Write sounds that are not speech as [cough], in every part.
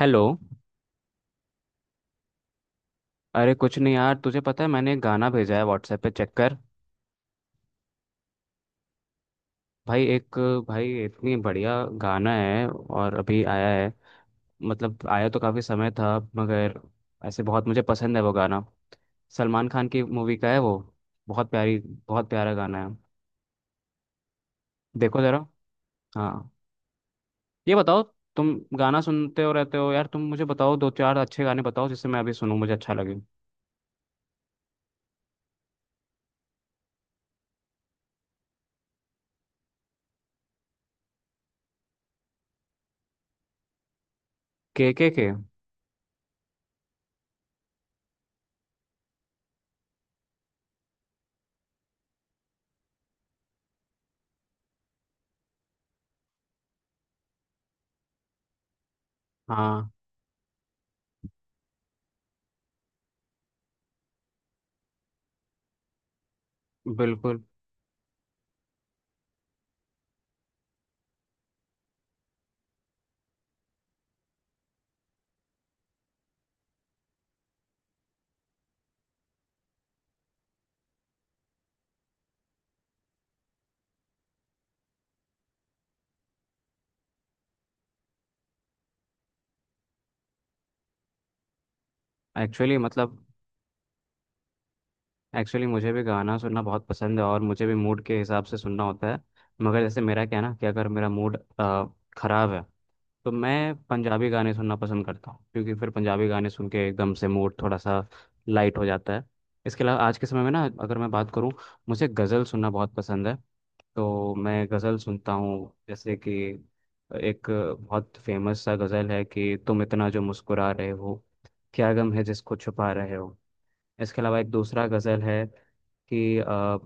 Hello. अरे कुछ नहीं यार, तुझे पता है मैंने एक गाना भेजा है व्हाट्सएप पे, चेक कर। भाई एक। भाई इतनी बढ़िया गाना है, और अभी आया है। मतलब आया तो काफ़ी समय था, मगर ऐसे बहुत मुझे पसंद है वो गाना। सलमान खान की मूवी का है वो। बहुत प्यारी बहुत प्यारा गाना है, देखो ज़रा। हाँ, ये बताओ तुम गाना सुनते हो रहते हो यार, तुम मुझे बताओ दो चार अच्छे गाने बताओ जिससे मैं अभी सुनूं, मुझे अच्छा लगे। के के। हाँ। बिल्कुल। एक्चुअली मतलब, एक्चुअली मुझे भी गाना सुनना बहुत पसंद है और मुझे भी मूड के हिसाब से सुनना होता है। मगर जैसे मेरा क्या है ना, कि अगर मेरा मूड ख़राब है तो मैं पंजाबी गाने सुनना पसंद करता हूँ, क्योंकि फिर पंजाबी गाने सुन के एकदम से मूड थोड़ा सा लाइट हो जाता है। इसके अलावा आज के समय में ना अगर मैं बात करूँ, मुझे गज़ल सुनना बहुत पसंद है। तो मैं गज़ल सुनता हूँ, जैसे कि एक बहुत फेमस सा गज़ल है कि तुम इतना जो मुस्कुरा रहे हो, क्या गम है जिसको छुपा रहे हो। इसके अलावा एक दूसरा गज़ल है कि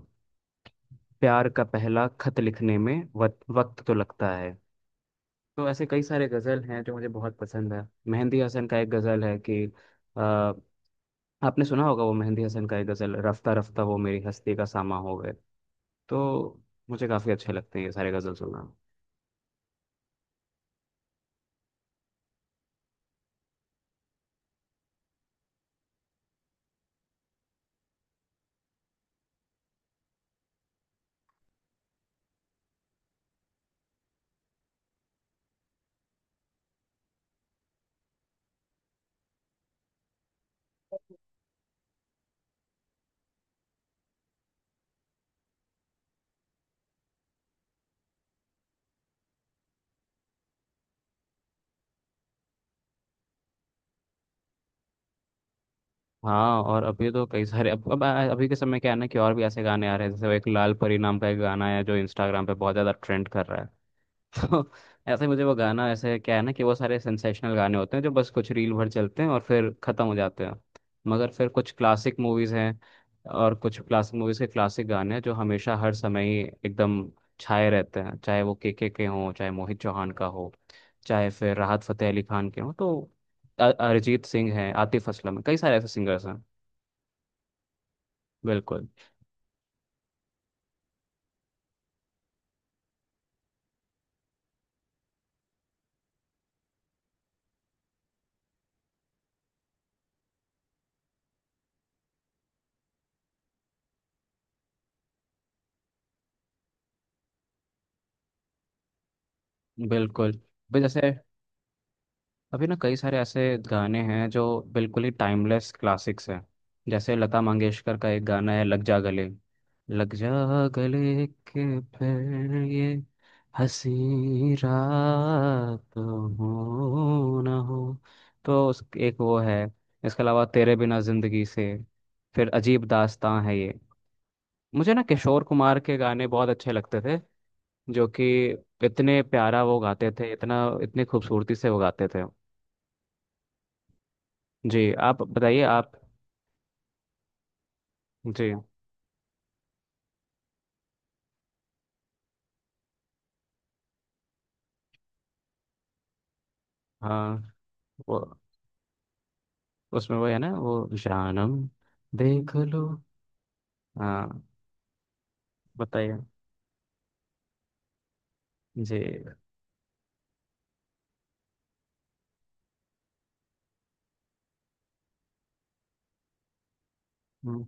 प्यार का पहला खत लिखने में वक्त वक्त तो लगता है। तो ऐसे कई सारे गज़ल हैं जो मुझे बहुत पसंद है। मेहंदी हसन का एक गज़ल है कि अ, आपने सुना होगा, वो मेहंदी हसन का एक गज़ल, रफ्ता रफ्ता वो मेरी हस्ती का सामा हो गए। तो मुझे काफ़ी अच्छे लगते हैं ये सारे गज़ल सुनना। हाँ, और अभी तो कई सारे अब अभी के समय क्या है ना, कि और भी ऐसे गाने आ रहे हैं जैसे वो एक लाल परी नाम का एक गाना है जो इंस्टाग्राम पे बहुत ज़्यादा ट्रेंड कर रहा है। तो ऐसे ही मुझे वो गाना, ऐसे क्या है ना, कि वो सारे सेंसेशनल गाने होते हैं जो बस कुछ रील भर चलते हैं और फिर खत्म हो जाते हैं। मगर फिर कुछ क्लासिक मूवीज हैं, और कुछ क्लासिक मूवीज के क्लासिक गाने हैं जो हमेशा हर समय ही एकदम छाए रहते हैं, चाहे वो के हों, चाहे मोहित चौहान का हो, चाहे फिर राहत फतेह अली खान के हों। तो अरिजीत सिंह हैं, आतिफ असलम है, कई सारे ऐसे सिंगर्स हैं। बिल्कुल। बिल्कुल भी, जैसे अभी ना कई सारे ऐसे गाने हैं जो बिल्कुल ही टाइमलेस क्लासिक्स हैं। जैसे लता मंगेशकर का एक गाना है, लग जा गले, लग जा गले के फिर ये हंसी रात हो ना हो। तो उस एक वो है। इसके अलावा तेरे बिना जिंदगी से, फिर अजीब दास्तां है ये। मुझे ना किशोर कुमार के गाने बहुत अच्छे लगते थे, जो कि इतने प्यारा वो गाते थे, इतना इतनी खूबसूरती से वो गाते थे। जी, आप बताइए आप। जी। हाँ, वो उसमें वो है ना, वो जानम, देख लो। हाँ, बताइए। जी। हम्म।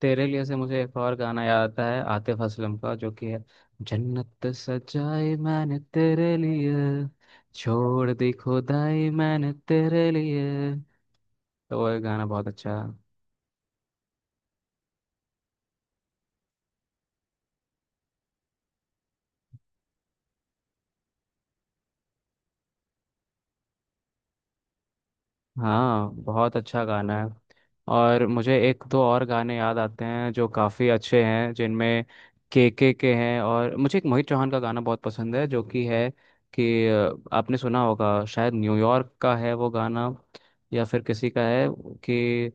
तेरे लिए से मुझे एक और गाना याद आता है आतिफ असलम का, जो कि है जन्नत सजाई मैंने तेरे लिए, छोड़ दी खुदाई मैंने तेरे लिए। तो वो गाना बहुत अच्छा। हाँ, बहुत अच्छा गाना है। और मुझे एक दो और गाने याद आते हैं जो काफ़ी अच्छे हैं, जिनमें के हैं। और मुझे एक मोहित चौहान का गाना बहुत पसंद है, जो कि है कि आपने सुना होगा, शायद न्यूयॉर्क का है वो गाना, या फिर किसी का है, कि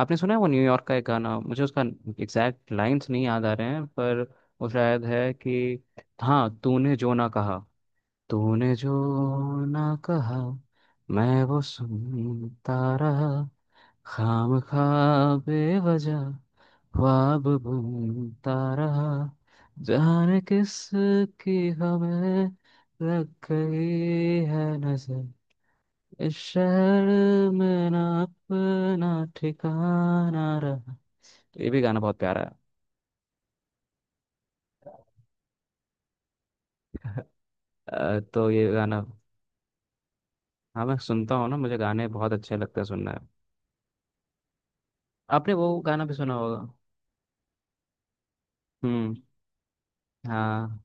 आपने सुना है वो न्यूयॉर्क का एक गाना। मुझे उसका एग्जैक्ट लाइंस नहीं याद आ रहे हैं पर वो शायद है कि हाँ, तूने जो ना कहा, तूने जो ना कहा, मैं वो सुनता रहा, खाम खा बेवजह ख्वाब बुनता रहा, जाने किस की हमें लग गई है नजर, इस शहर में ना अपना ठिकाना रहा। ये भी गाना बहुत प्यारा है। तो ये गाना। हाँ, मैं सुनता हूँ ना, मुझे गाने बहुत अच्छे लगते हैं सुनना है। आपने वो गाना भी सुना होगा। हम्म। हाँ,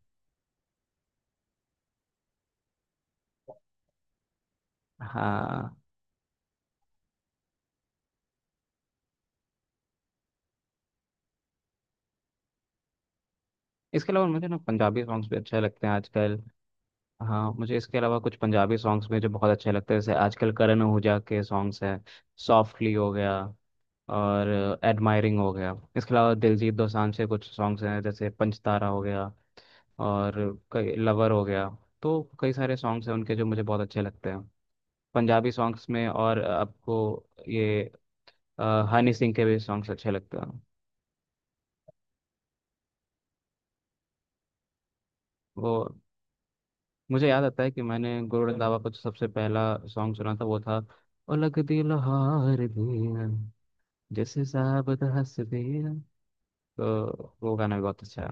हाँ। इसके अलावा मुझे ना पंजाबी सॉन्ग्स भी अच्छे लगते हैं आजकल। हाँ, मुझे इसके अलावा कुछ पंजाबी सॉन्ग्स में जो बहुत अच्छे लगते हैं, जैसे आजकल करण ओजा के सॉन्ग्स हैं, सॉफ्टली हो गया, और एडमायरिंग हो गया। इसके अलावा दिलजीत दोसांझ के कुछ सॉन्ग्स हैं जैसे पंचतारा हो गया, और कई लवर हो गया। तो कई सारे सॉन्ग्स हैं उनके जो मुझे बहुत अच्छे लगते हैं पंजाबी सॉन्ग्स में। और आपको ये अ, हनी सिंह के भी सॉन्ग्स अच्छे लगते हैं वो। मुझे याद आता है कि मैंने गुरु नानक बाबा का जो सबसे पहला सॉन्ग सुना था वो था, उलग दिल हार दिया, जैसे साबत हंस दिया। तो वो गाना भी बहुत अच्छा है।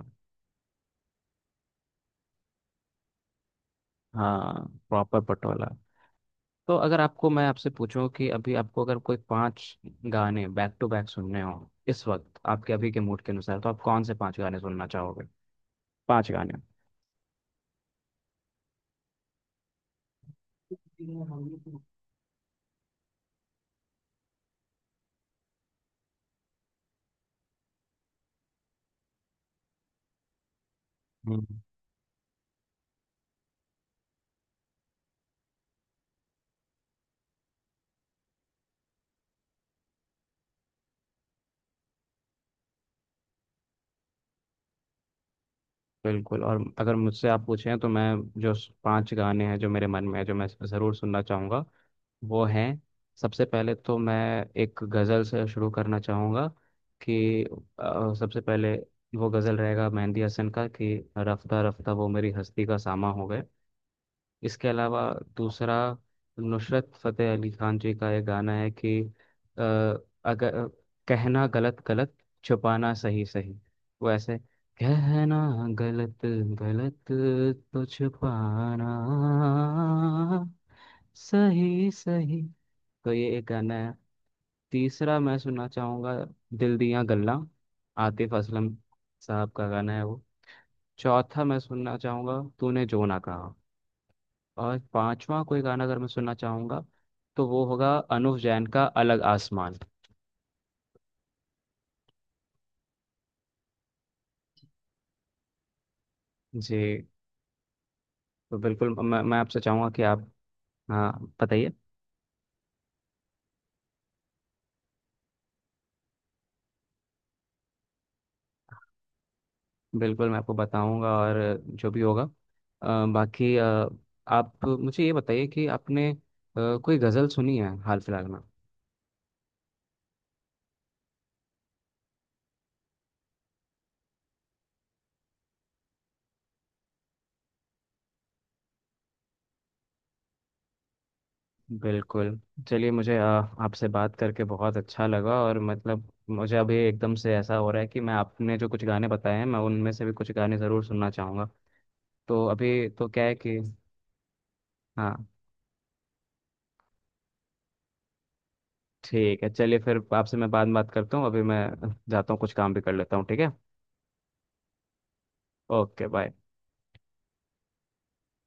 हाँ, प्रॉपर पटोला। तो अगर आपको, मैं आपसे पूछूं कि अभी आपको अगर कोई पांच गाने बैक टू बैक सुनने हो इस वक्त आपके अभी के मूड के अनुसार, तो आप कौन से पांच गाने सुनना चाहोगे? पांच गाने [laughs] हम्म बिल्कुल। और अगर मुझसे आप पूछें तो मैं, जो पांच गाने हैं जो मेरे मन में है, जो मैं ज़रूर सुनना चाहूँगा, वो हैं, सबसे पहले तो मैं एक गज़ल से शुरू करना चाहूँगा, कि सबसे पहले वो गज़ल रहेगा मेहंदी हसन का, कि रफ्ता रफ्ता वो मेरी हस्ती का सामा हो गए। इसके अलावा दूसरा, नुसरत फतेह अली खान जी का एक गाना है कि अ, अगर कहना गलत गलत, छुपाना सही सही, वो ऐसे कहना गलत गलत, तो छुपाना सही सही। तो ये एक गाना है। तीसरा मैं सुनना चाहूँगा, दिल दिया गल्ला, आतिफ असलम साहब का गाना है वो। चौथा मैं सुनना चाहूँगा, तूने जो ना कहा। और पांचवा कोई गाना अगर मैं सुनना चाहूंगा, तो वो होगा अनुव जैन का अलग आसमान। जी। तो बिल्कुल, मैं आपसे चाहूंगा कि आप, हाँ बताइए। बिल्कुल मैं आपको बताऊंगा, और जो भी होगा। बाकी आप मुझे ये बताइए कि आपने कोई गज़ल सुनी है हाल फिलहाल में? बिल्कुल। चलिए, मुझे आपसे बात करके बहुत अच्छा लगा, और मतलब मुझे अभी एकदम से ऐसा हो रहा है कि मैं, आपने जो कुछ गाने बताए हैं, मैं उनमें से भी कुछ गाने ज़रूर सुनना चाहूँगा। तो अभी तो क्या है कि हाँ, ठीक है, चलिए फिर आपसे मैं बाद में बात करता हूँ। अभी मैं जाता हूँ, कुछ काम भी कर लेता हूँ, ठीक है? Okay bye.